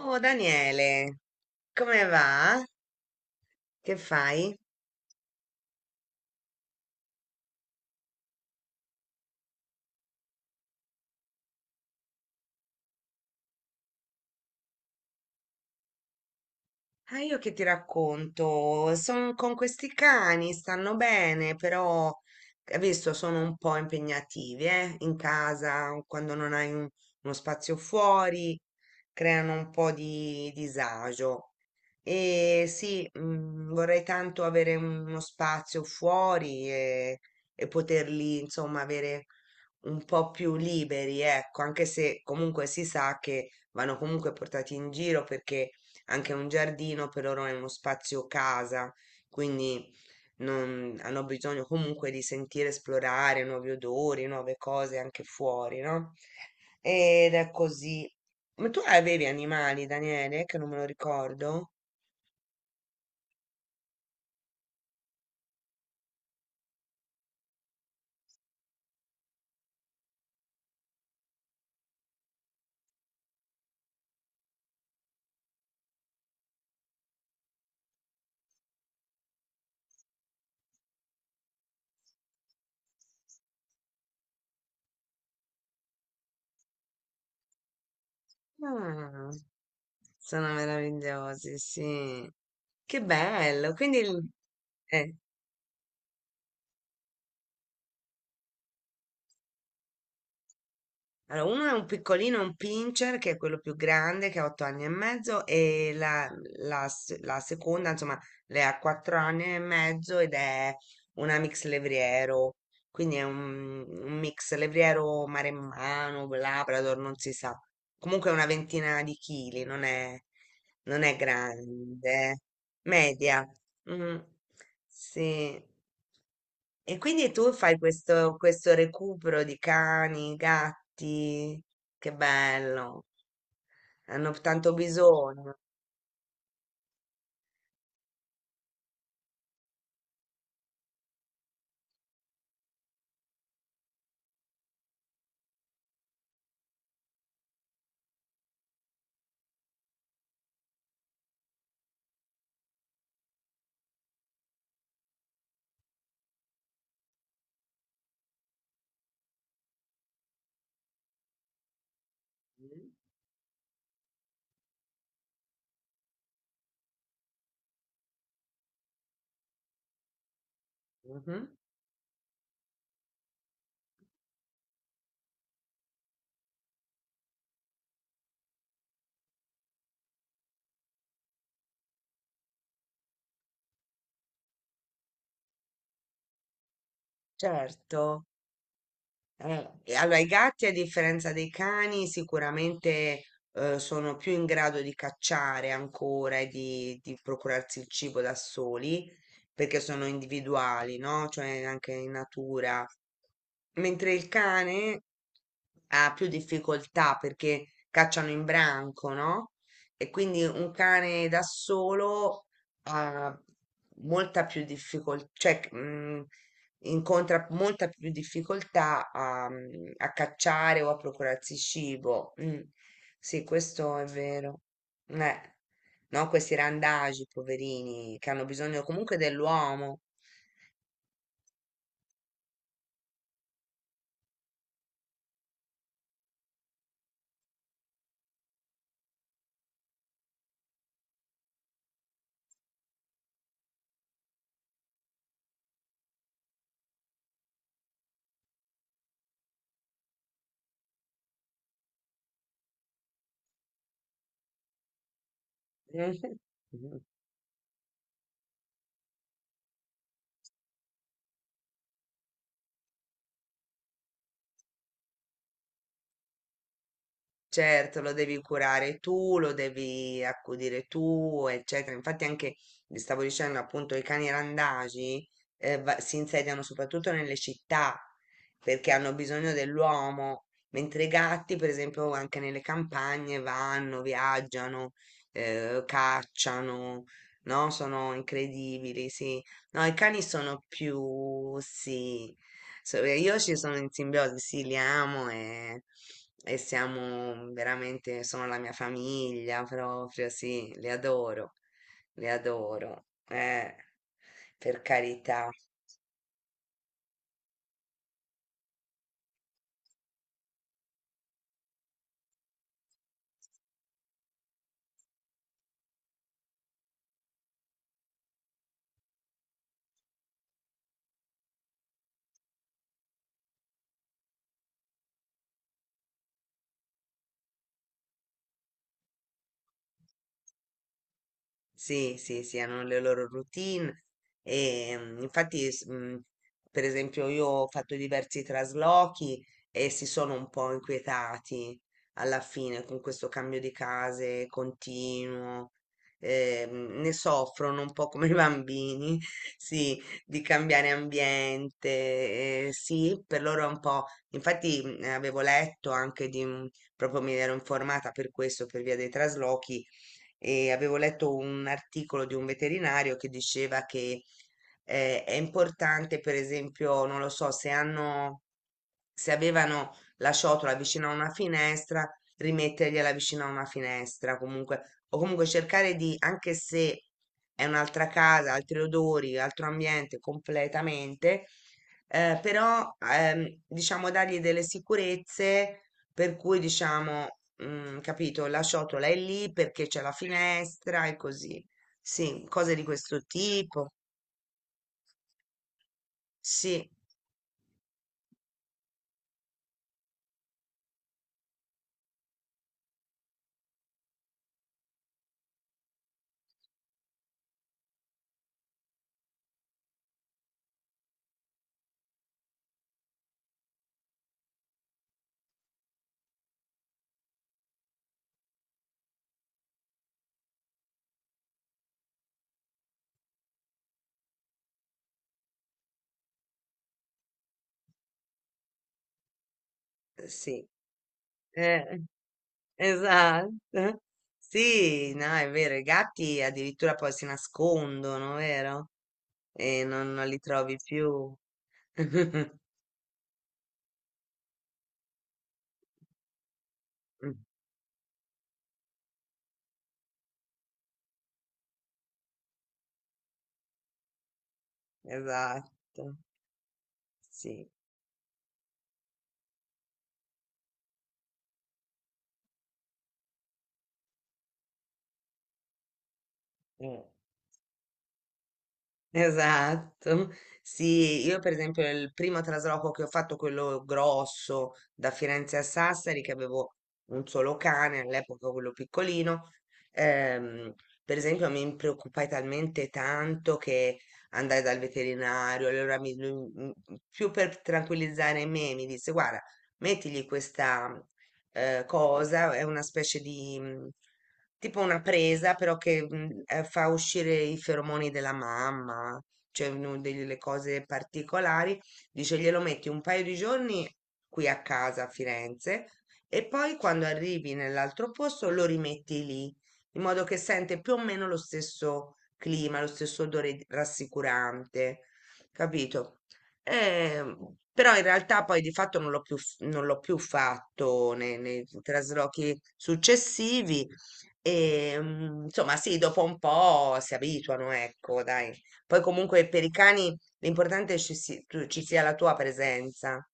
Oh Daniele, come va? Che fai? Ah, io che ti racconto? Sono con questi cani, stanno bene, però adesso sono un po' impegnativi, eh? In casa, quando non hai uno spazio fuori, creano un po' di disagio. E sì, vorrei tanto avere uno spazio fuori e poterli, insomma, avere un po' più liberi, ecco, anche se comunque si sa che vanno comunque portati in giro perché anche un giardino, per loro è uno spazio casa, quindi hanno bisogno comunque di sentire, esplorare nuovi odori, nuove cose anche fuori, no? Ed è così. Ma tu avevi animali, Daniele, che non me lo ricordo? Ah, sono meravigliosi, sì. Che bello. Quindi, eh. Allora, uno è un piccolino, un pincher, che è quello più grande, che ha otto anni e mezzo, e la seconda, insomma, lei ha quattro anni e mezzo ed è una mix levriero, quindi è un mix levriero maremmano, labrador, non si sa. Comunque è una ventina di chili, non è grande, media. Mm, sì. E quindi tu fai questo recupero di cani, gatti, che bello, hanno tanto bisogno. Mhm. Certo. E allora, i gatti, a differenza dei cani, sicuramente sono più in grado di cacciare ancora e di procurarsi il cibo da soli, perché sono individuali, no? Cioè anche in natura. Mentre il cane ha più difficoltà perché cacciano in branco, no? E quindi un cane da solo ha molta più difficoltà, incontra molta più difficoltà a, a cacciare o a procurarsi cibo. Sì, questo è vero. Eh, no, questi randagi, poverini, che hanno bisogno comunque dell'uomo. Certo, lo devi curare tu, lo devi accudire tu, eccetera. Infatti anche, vi stavo dicendo appunto, i cani randagi si insediano soprattutto nelle città perché hanno bisogno dell'uomo, mentre i gatti, per esempio, anche nelle campagne vanno, viaggiano, cacciano, no? Sono incredibili, sì. No, i cani sono più, sì, so, e io ci sono in simbiosi, sì, li amo e siamo veramente, sono la mia famiglia proprio, sì, li adoro, per carità. Sì, sì, sì, hanno le loro routine e per esempio, io ho fatto diversi traslochi e si sono un po' inquietati alla fine con questo cambio di case continuo. Ne soffrono un po' come i bambini, sì, di cambiare ambiente, sì, per loro è un po'. Infatti, avevo letto anche proprio mi ero informata per questo, per via dei traslochi e avevo letto un articolo di un veterinario che diceva che è importante, per esempio, non lo so, se avevano la ciotola vicino a una finestra, rimettergliela vicino a una finestra, comunque, o comunque cercare di, anche se è un'altra casa, altri odori, altro ambiente completamente, però diciamo dargli delle sicurezze per cui diciamo, capito, la ciotola è lì perché c'è la finestra e così. Sì, cose di questo tipo. Sì, sì. Eh. Esatto. Sì, no, è vero, i gatti addirittura poi si nascondono, vero? E non li trovi più. Esatto, sì. Eh. Esatto. Sì, io per esempio il primo trasloco che ho fatto, quello grosso da Firenze a Sassari, che avevo un solo cane, all'epoca quello piccolino, ehm, per esempio mi preoccupai talmente tanto che andai dal veterinario, più per tranquillizzare me mi disse, guarda, mettigli questa cosa, è una specie di tipo una presa, però che fa uscire i feromoni della mamma, cioè uno delle cose particolari. Dice glielo metti un paio di giorni qui a casa a Firenze e poi quando arrivi nell'altro posto lo rimetti lì, in modo che sente più o meno lo stesso clima, lo stesso odore rassicurante, capito? Però in realtà poi di fatto non l'ho più fatto ne nei traslochi successivi. Insomma sì, dopo un po' si abituano, ecco, dai. Poi comunque per i cani l'importante è ci si tu ci sia la tua presenza.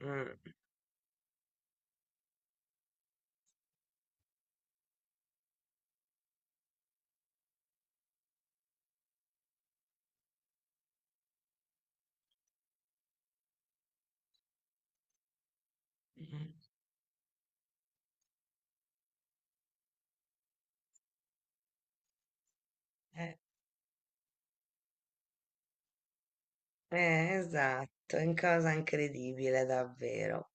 Mh. Eh, esatto, è un cosa incredibile davvero.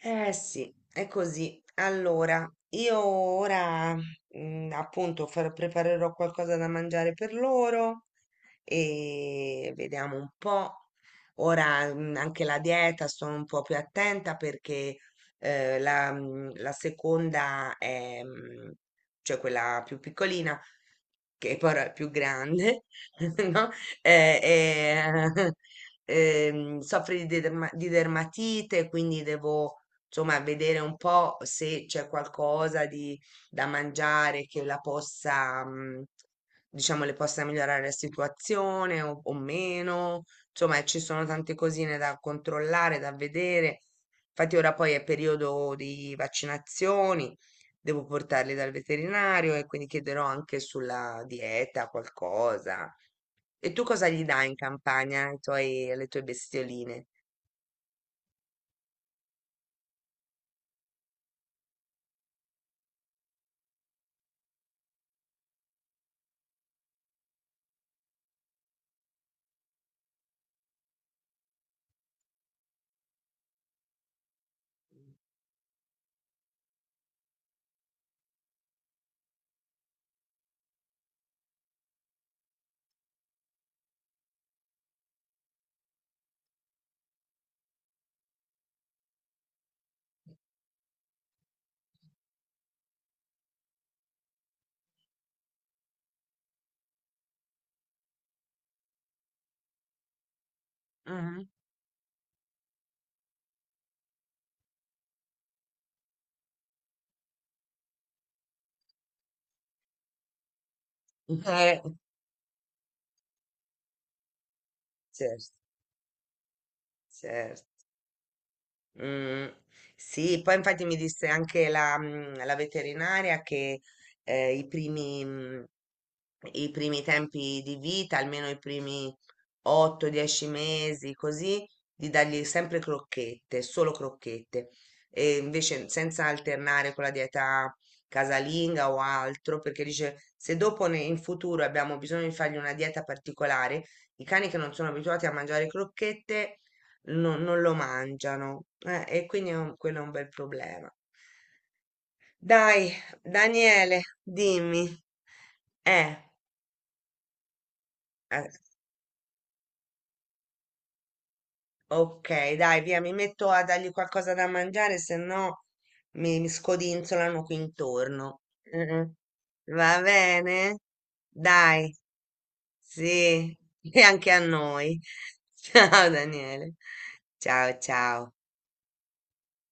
Eh sì, è così. Allora, io ora preparerò qualcosa da mangiare per loro e vediamo un po'. Ora anche la dieta sono un po' più attenta perché la seconda è, cioè quella più piccolina, che poi è più grande, no? Eh, eh, soffre di dermatite, quindi devo insomma, vedere un po' se c'è qualcosa di, da mangiare che la possa, diciamo, le possa migliorare la situazione o meno. Insomma, ci sono tante cosine da controllare, da vedere. Infatti ora poi è periodo di vaccinazioni, devo portarli dal veterinario e quindi chiederò anche sulla dieta qualcosa. E tu cosa gli dai in campagna alle tue bestioline? Mhm. Eh, certo. Certo. Mm. Sì, poi infatti mi disse anche la veterinaria che eh, i primi, mm, i primi tempi di vita, almeno i primi 8-10 mesi, così, di dargli sempre crocchette, solo crocchette, e invece senza alternare con la dieta casalinga o altro, perché dice se dopo in futuro abbiamo bisogno di fargli una dieta particolare, i cani che non sono abituati a mangiare crocchette non lo mangiano, e quindi è quello è un bel problema. Dai, Daniele, dimmi. Eh, eh, Ok, dai, via, mi metto a dargli qualcosa da mangiare, se no mi scodinzolano qui intorno. Mm, va bene? Dai, sì, e anche a noi. Ciao Daniele. Ciao, ciao.